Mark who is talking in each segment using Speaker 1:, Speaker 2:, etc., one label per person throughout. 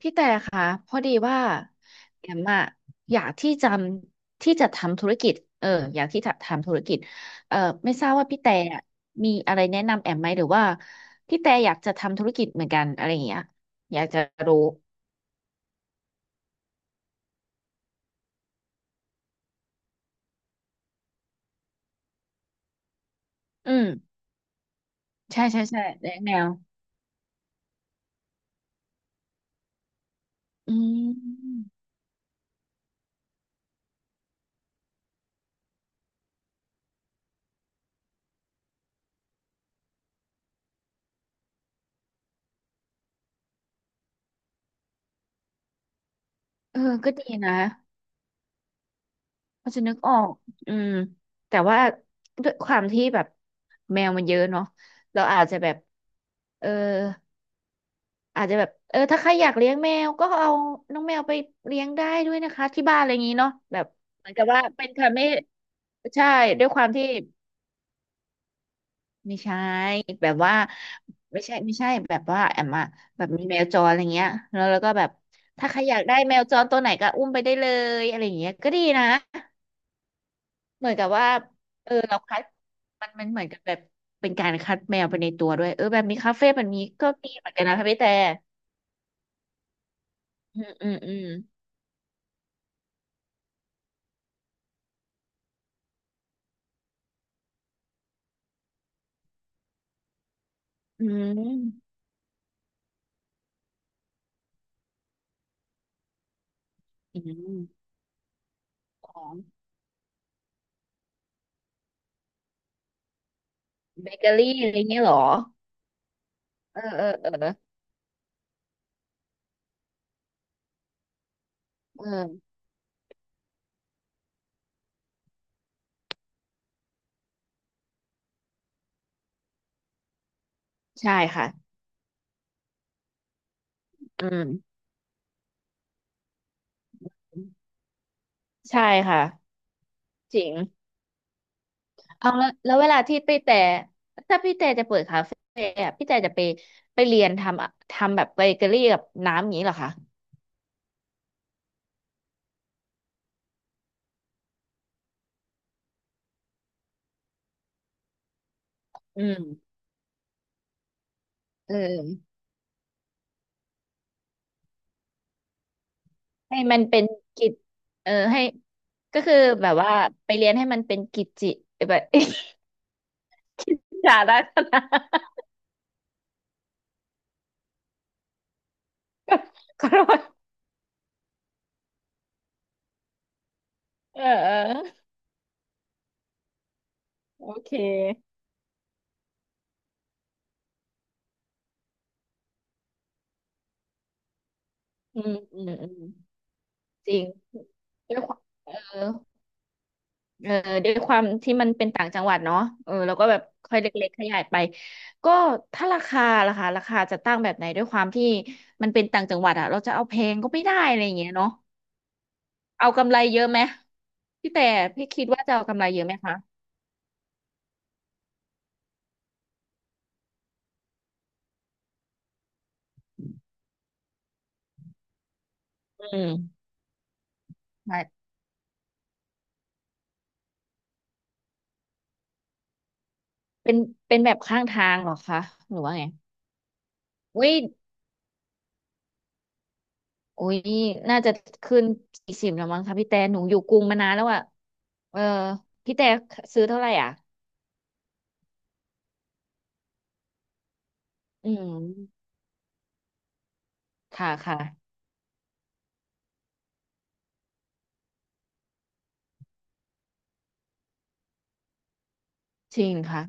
Speaker 1: พี่แต่ค่ะพอดีว่าแอมอะอยากที่จะทำธุรกิจเอออยากที่จะทำธุรกิจเออไม่ทราบว่าพี่แต่อะมีอะไรแนะนำแอมไหมหรือว่าพี่แต่อยากจะทำธุรกิจเหมือนกันอะไรอย่างเงี้ยอยากจะรู้อืมใช่ใช่ใช่แนะแนวอืมเออก็ดีนะพอจะนึกออกอืมแต่ว่าด้วยความที่แบบแมวมันเยอะเนาะเราอาจจะแบบเออ เออถ้าใครอยากเลี้ยงแมวก็เอาน้องแมวไปเลี้ยงได้ด้วยนะคะที่บ้านอะไรอย่างนี้เนาะแบบเหมือนกับว่าเป็นคะไม่ใช่ด้วยความที่ไม่ใช่แบบว่าไม่ใช่แบบว่าแอมอะแบบมีแมวจรอะไรเงี้ยแล้วก็แบบถ้าใครอยากได้แมวจรตัวไหนก็อุ้มไปได้เลยอะไรอย่างเงี้ยก็ดีนะเหมือนกับว่าเออเราคัดมันเหมือนกับแบบเป็นการคัดแมวไปในตัวด้วยเออแบบนี้คาเฟ่แบบนี้ก็ดีเหมือนกันนะคะพี่แต่อืมอืมอืมอืม อืมของเบเกอรี่อะไรเงี้ยเหรอเออเออเออเออใช่ค่ะอืมใช่ค่ะจริงเอาแล้วแล้วเวลาที่พี่แต่ถ้าพี่แต่จะเปิดคาเฟ่อะพี่แต่จะไปเรียนทำอะทำแบบเบเกอรี่กับน้ำอย่างนี้เหรอคะอืมเออให้มันเป็นกิจเออให้ก็คือแบบว่าไปเรียนให้มันเป็นกิจจิแบบ กิจจาลักษณะ ขอโทษเออเออโอเคอืมอืมอืม จริงด้วยความเออเออด้วยความที่มันเป็นต่างจังหวัดเนาะเออแล้วก็แบบค่อยเล็กๆขยายไปก็ถ้าราคาจะตั้งแบบไหนด้วยความที่มันเป็นต่างจังหวัดอะเราจะเอาแพงก็ไม่ได้อะไรอย่างเงี้ยเนาะเอากำไรเยอะไหมพี่แต่พี่คิดว่าจะเอากำไรเยอะไหมคะอืมใช่เป็นเป็นแบบข้างทางเหรอคะหรือว่าไงอุ้ยอุ้ยน่าจะขึ้น40แล้วมั้งคะพี่แต่หนูอยู่กรุงมานานแล้วอะเออพี่แต่ซื้อเท่าไหร่อ่ะอืม ค่ะค่ะจริงค่ะ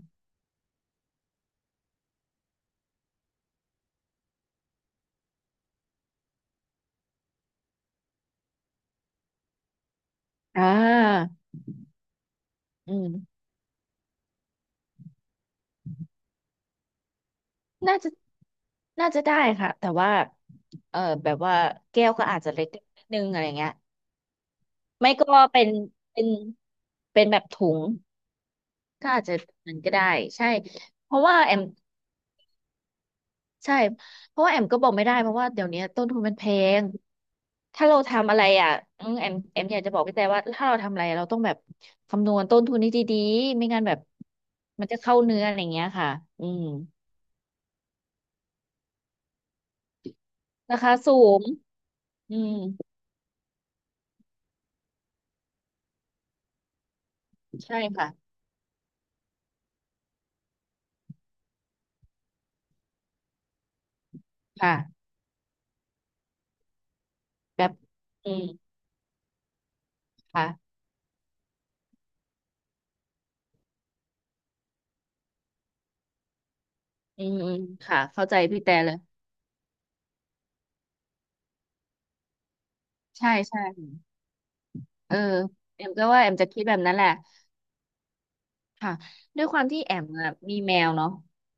Speaker 1: อ่าอืมน่าจะน่าจะได้ค่ะแต่ว่าเออแบบว่าแก้วก็อาจจะเล็กนิดนึงอะไรเงี้ยไม่ก็เป็นเป็นเป็นแบบถุงก็อาจจะมันก็ได้ใช่เพราะว่าแอมใช่เพราะว่าแอมก็บอกไม่ได้เพราะว่าเดี๋ยวนี้ต้นทุนมันแพงถ้าเราทำอะไรอ่ะอืมแอมอยากจะบอกพี่แต่ว่าถ้าเราทำอะไรเราต้องแบบคำนวณต้นทุนให้ดีๆไม่งั้นแบบมันจะเข้าเนื้ออะไรเงี้ยค่ะอืม ราคาสูงอืมใช่ค่ะค่ะแบบอืมค่ะอืมอืมค่ะเข้าใจพี่แต่เลยใช่ใช่เออแอมก็ว่าแอมจะคิดแบบนั้นแหละค่ะด้วยความที่แอมอะมีแมวเนาะ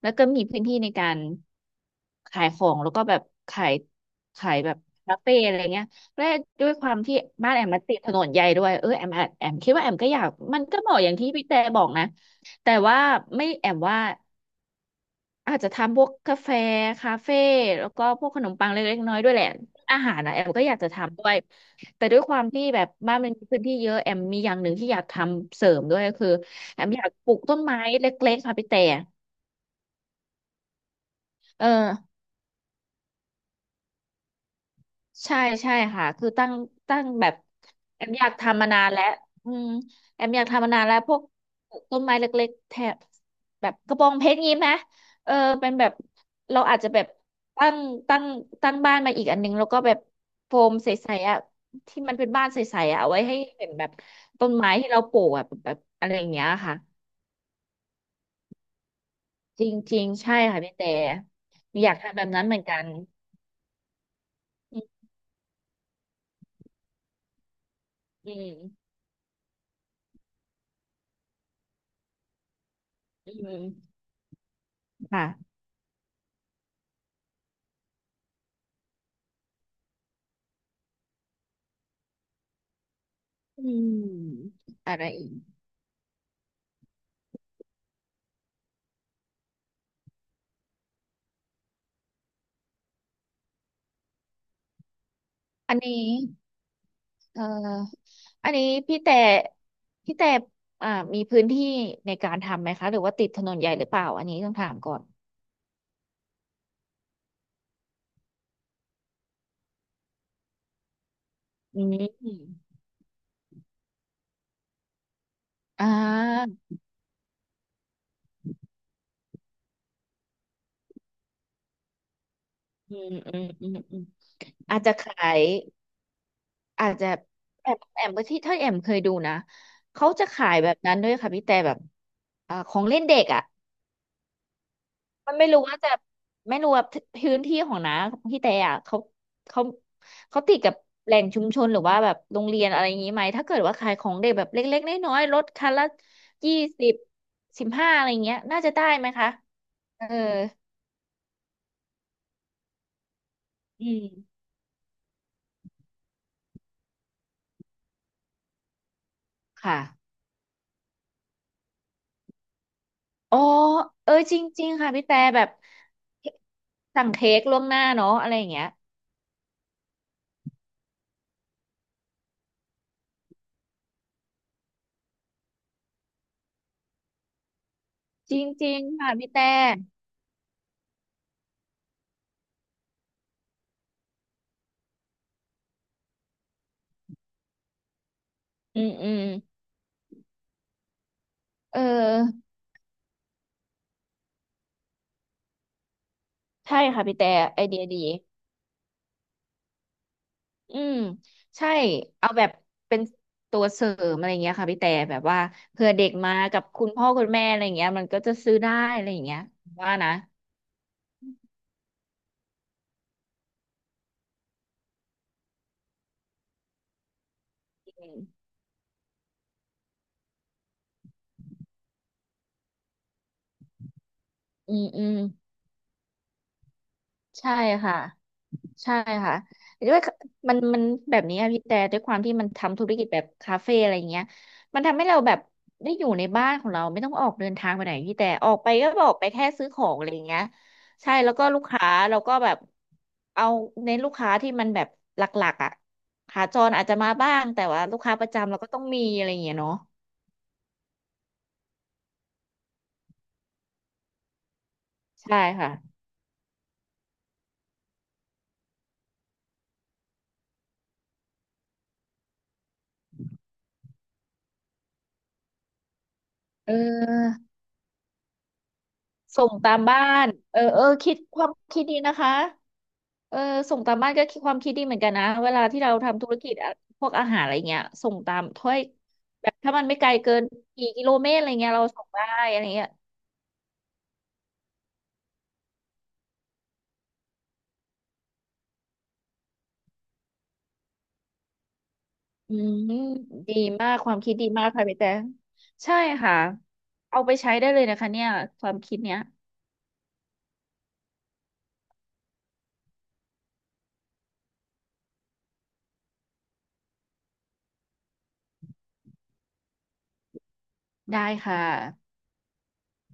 Speaker 1: แล้วก็มีพื้นที่ในการขายของแล้วก็แบบขายขายแบบคาเฟ่อะไรเงี้ยและด้วยความที่บ้านแอมมันติดถนนใหญ่ด้วยเออแอมแอมคิดว่าแอมก็อยากมันก็เหมาะอย่างที่พี่แต่บอกนะแต่ว่าไม่แอมว่า อาจจะทำพวกกาแฟคาเฟ่แล้วก็พวกขนมปังเล็กๆน้อยๆด้วยแหละอาหารนะแอมก็อยากจะทำด้วยแต่ด้วยความที่แบบบ้านมันมีพื้นที่เยอะแอมมีอย่างหนึ่งที่อยากทำเสริมด้วยก็คือแอมอยากปลูกต้นไม้เล็กๆค่ะพี่แต่เออ ใช่ใช่ค่ะคือตั้งแบบแอมอยากทำมานานแล้วอืมแอมอยากทำมานานแล้วพวกต้นไม้เล็กๆแถบแบบกระบองเพชรงี้ไหมเออเป็นแบบเราอาจจะแบบตั้งตั้งตั้งบ้านมาอีกอันนึงแล้วก็แบบโฟมใสๆอ่ะที่มันเป็นบ้านใสๆอ่ะเอาไว้ให้เป็นแบบต้นไม้ที่เราปลูกอะแบบอะไรอย่างเงี้ยค่ะจริงๆใช่ค่ะพี่แต่อยากทำแบบนั้นเหมือนกันอืมอืมอืมค่ะ อืมอะไรอีกอันนี้เอ่ออันนี้พี่แต่อ่ามีพื้นที่ในการทำไหมคะหรือว่าติดถนนใหญ่หรือเปล่าอันนี้ต้องถามก่อนอืมอ่าอืมอืมอืมอืมอาจจะขายอาจจะแอมที่ถ้าแอมเคยดูนะเขาจะขายแบบนั้นด้วยค่ะพี่แต่แบบอ่าของเล่นเด็กอ่ะ มันไม่รู้ว่าพื้นที่ของน้าของพี่แต่อ่ะเขาเขาติดกับแหล่งชุมชนหรือว่าแบบโรงเรียนอะไรอย่างนี้ไหมถ้าเกิดว่าขายของเด็กแบบเล็กๆน้อยๆลดคันละ2015อะไรอย่างเงี้ยน่าจะได้ไหมคะเอออืมค่ะอ๋อเออจริงๆค่ะพี่แต่แบบสั่งเค้กล่วงหน้าเนาะอะไรอย่างเงี้ยจริงๆค่ะพี่แต่อืมอืมเออใช่ค่ะพี่แต่ไอเดียดี อืมใช่เอาแบบเป็นตัวเสริมอะไรเงี้ยค่ะพี่แต่แบบว่าเผื่อเด็กมากับคุณพ่อคุณแม่อะไรเงี้ยมันก็จะซื้อได้อะไรอย่างเงี้ยว่านะอืมอืมอืมใช่ค่ะ ใช่ค่ะด้วยมันแบบนี้อะพี่แต่ด้วยความที่มันทำธุรกิจแบบคาเฟ่อะไรอย่างเงี้ยมันทำให้เราแบบได้อยู่ในบ้านของเราไม่ต้องออกเดินทางไปไหนพี่แต่ออกไปก็ออกไปแค่ซื้อของอะไรอย่างเงี้ยใช่แล้วก็ลูกค้าเราก็แบบเอาเน้นลูกค้าที่มันแบบหลักๆอ่ะขาจรอาจจะมาบ้างแต่ว่าลูกค้าประจำเราก็ต้องมีอะไรอย่างเงี้ยเนาะใช่ค่ะเออส่งตามบ้านเออเออคิดความคิดดีนะคะ เออส่งตามบ้านก็คิดความคิดดีเหมือนกันนะเวลาที่เราทำธุรกิจอะพวกอาหารอะไรเงี้ยส่งตามถ้วยแบบถ้ามันไม่ไกลเกินกี่กิโลเมตรอะไรเงี้ยเราส่งได้อะไรเงี้ยอืมดีมากความคิดดีมากค่ะพี่แต่ใช่ค่ะเอาไปใช้ได้เลยนะคะเนี่ยความคิดเนี้ยได้ค่ะ